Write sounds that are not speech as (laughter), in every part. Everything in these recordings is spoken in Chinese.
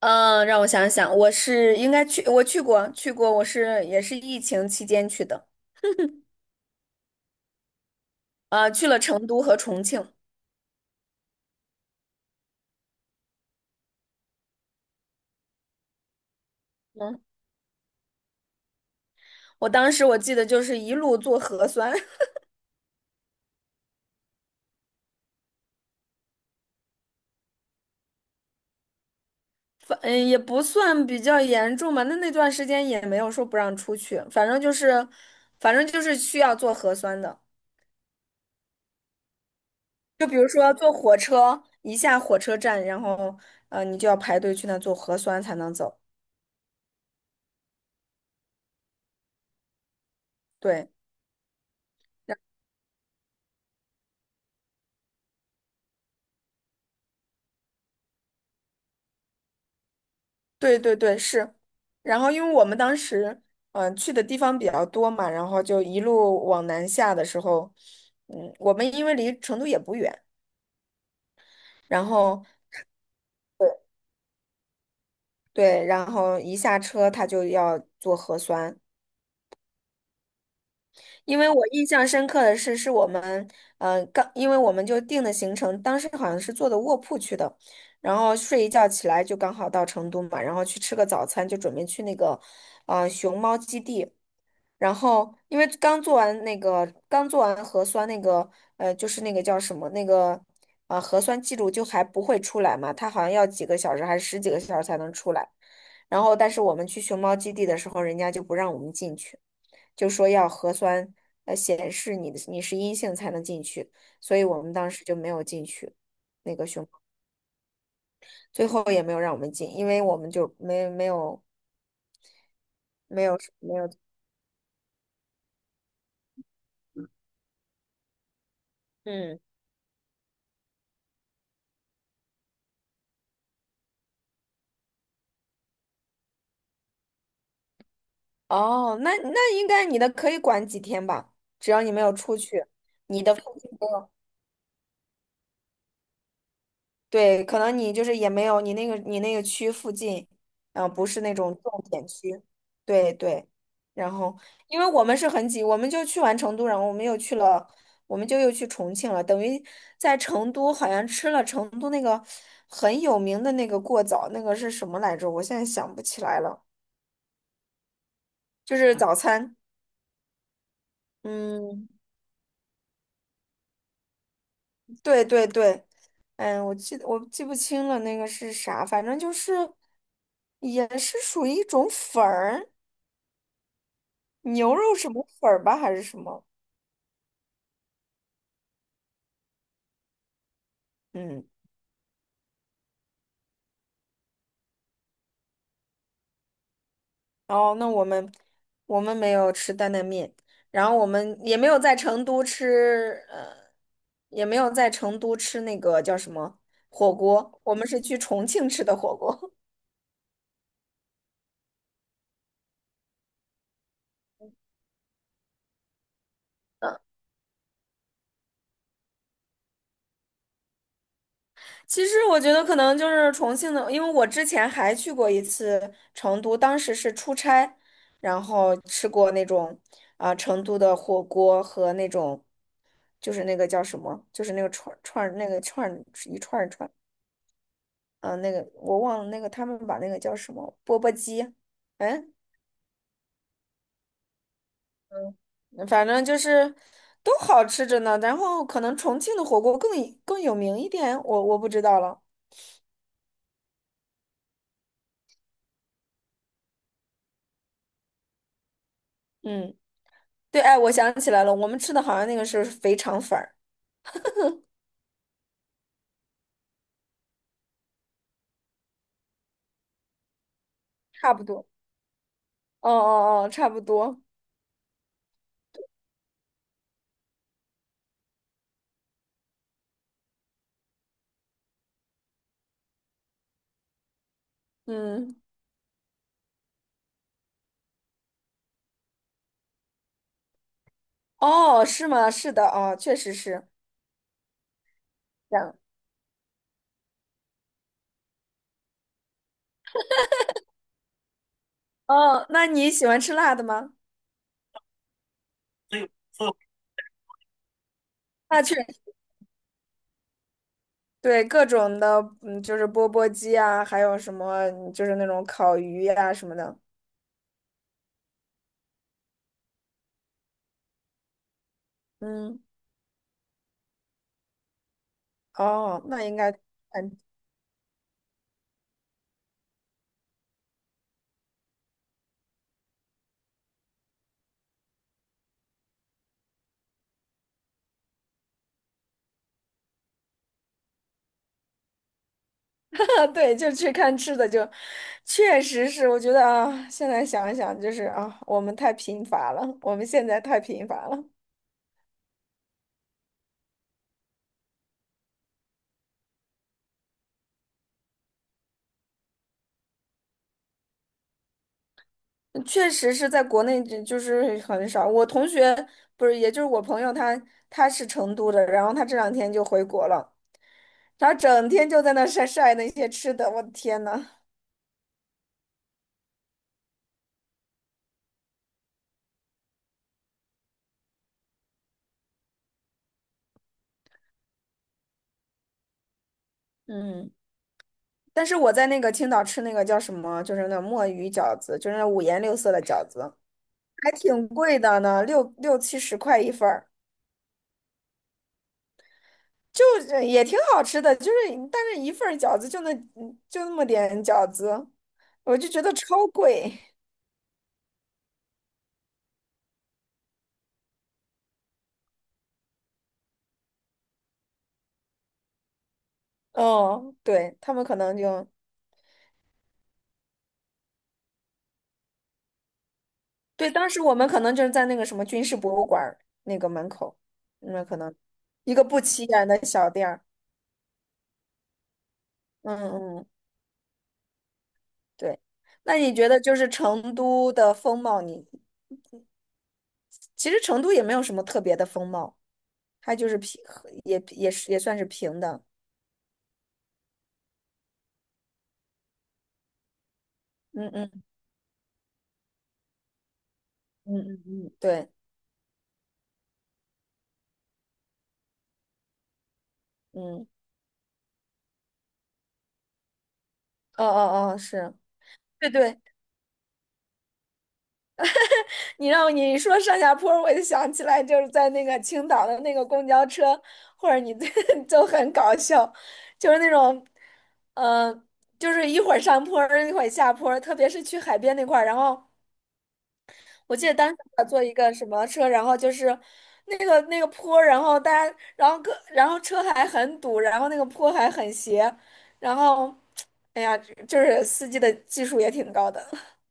嗯，让我想想，我是应该去，我去过，也是疫情期间去的，啊、去了成都和重庆。嗯，我当时我记得就是一路做核酸。(laughs) 也不算比较严重吧，那段时间也没有说不让出去，反正就是需要做核酸的。就比如说坐火车，一下火车站，然后你就要排队去那做核酸才能走。对。对对对，是。然后因为我们当时去的地方比较多嘛，然后就一路往南下的时候，嗯，我们因为离成都也不远，然后对对，然后一下车他就要做核酸，因为我印象深刻的是，我们嗯、呃刚，因为我们就定的行程，当时好像是坐的卧铺去的，然后睡一觉起来就刚好到成都嘛，然后去吃个早餐，就准备去那个熊猫基地。然后因为刚做完核酸那个就是那个叫什么那个核酸记录就还不会出来嘛，它好像要几个小时还是十几个小时才能出来。然后但是我们去熊猫基地的时候，人家就不让我们进去，就说要核酸显示你的你是阴性才能进去，所以我们当时就没有进去那个熊，最后也没有让我们进，因为我们就没有，没有没有。嗯。哦，那应该你的可以管几天吧，只要你没有出去，你的附近没有，对，可能你就是也没有你那个区附近，不是那种重点区，对对。然后，因为我们是很挤，我们就去完成都，我们就又去重庆了，等于在成都好像吃了成都那个很有名的那个过早，那个是什么来着？我现在想不起来了，就是早餐，嗯，对对对。嗯，我记不清了，那个是啥，反正就是也是属于一种粉儿，牛肉什么粉儿吧，还是什么？嗯，哦，那我们没有吃担担面，然后我们也没有在成都吃，也没有在成都吃那个叫什么火锅，我们是去重庆吃的火锅。其实我觉得可能就是重庆的，因为我之前还去过一次成都，当时是出差，然后吃过那种啊、成都的火锅和那种就是那个叫什么，就是那个串串那个串一串儿，嗯、那个我忘了那个他们把那个叫什么钵钵鸡，哎，反正就是都好吃着呢。然后可能重庆的火锅更有名一点，我不知道了。嗯，对，哎，我想起来了，我们吃的好像那个是肥肠粉儿。差不多。哦哦哦，差不多。嗯，哦，是吗？是的，哦，确实是这样。哦，那你喜欢吃辣的吗？那确对各种的，嗯，就是钵钵鸡啊，还有什么，嗯就是那种烤鱼呀、什么的。嗯，哦，那应该嗯，(laughs) 对，就去看吃的就，确实是，我觉得啊，现在想一想，就是啊，我们太贫乏了，我们现在太贫乏了。确实是在国内就就是很少。我同学不是，也就是我朋友他，他是成都的，然后他这两天就回国了，他整天就在那晒晒那些吃的，我的天呐，嗯，但是我在那个青岛吃那个叫什么，就是那墨鱼饺子，就是那五颜六色的饺子，还挺贵的呢，六七十块一份儿，就是也挺好吃的，就是但是一份儿饺子就那么点饺子，我就觉得超贵。(laughs) 哦，对，他们可能就对，当时我们可能就是在那个什么军事博物馆儿那个门口，那可能一个不起眼的小店儿。嗯嗯，对。那你觉得就是成都的风貌你，其实成都也没有什么特别的风貌，它就是平，也算是平的。嗯嗯嗯嗯嗯，对，嗯，哦哦哦，是，对对。你让你说上下坡，我就想起来就是在那个青岛的那个公交车，或者你 (laughs) 就很搞笑，就是那种，嗯，就是一会儿上坡儿一会儿下坡儿特别是去海边那块儿。然后我记得当时我坐一个什么车，然后就是那个坡儿然后大家，然后各，然后车还很堵，然后那个坡还很斜，然后，哎呀，就是司机的技术也挺高的，(laughs)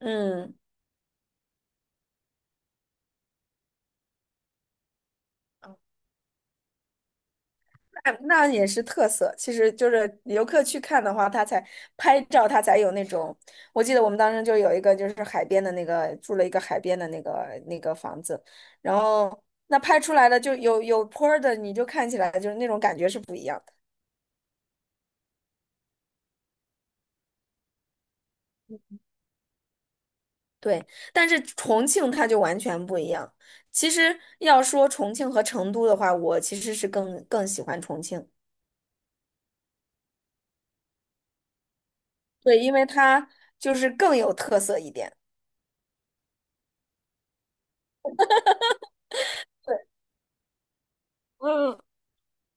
嗯。哎那那也是特色，其实就是游客去看的话，他才拍照，他才有那种。我记得我们当时就有一个，就是海边的那个，住了一个海边的那个那个房子，然后那拍出来的就有坡儿的，你就看起来就是那种感觉是不一样的。对，但是重庆它就完全不一样。其实要说重庆和成都的话，我其实是更喜欢重庆，对，因为它就是更有特色一点。嗯。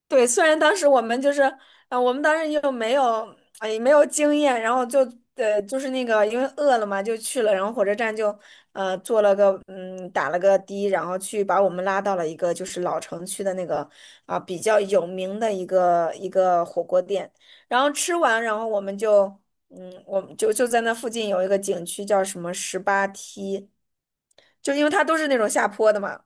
对，虽然当时我们就是，我们当时又没有，哎，没有经验，然后就，就是那个，因为饿了嘛，就去了，然后火车站就，坐了个，嗯，打了个的，然后去把我们拉到了一个就是老城区的那个，啊、比较有名的一个火锅店，然后吃完，然后我们就，嗯，我们就在那附近有一个景区叫什么十八梯，就因为它都是那种下坡的嘛。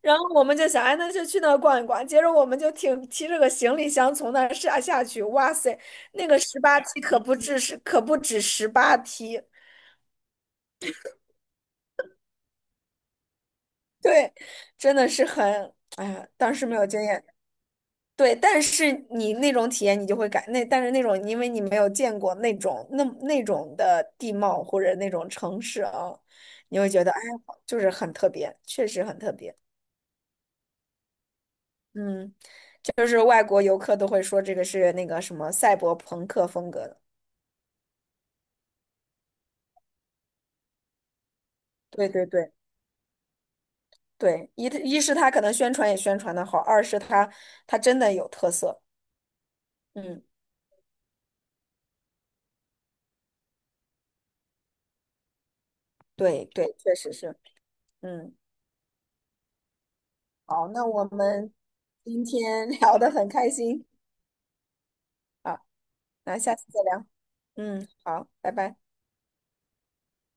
然后我们就想，哎，那就去那儿逛一逛。接着我们就挺提着个行李箱从那儿下去，哇塞，那个十八梯可不止十八梯，对，真的是很，哎呀，当时没有经验，对，但是你那种体验你就会感那，但是那种因为你没有见过那种那种的地貌或者那种城市啊，你会觉得哎呀，就是很特别，确实很特别，嗯，就是外国游客都会说这个是那个什么赛博朋克风格的。对对对对，一是他可能宣传也宣传的好，二是他真的有特色。嗯，对对，确实是。嗯，好，那我们今天 (laughs) 聊的很开心啊，那下次再聊。嗯，好，拜拜。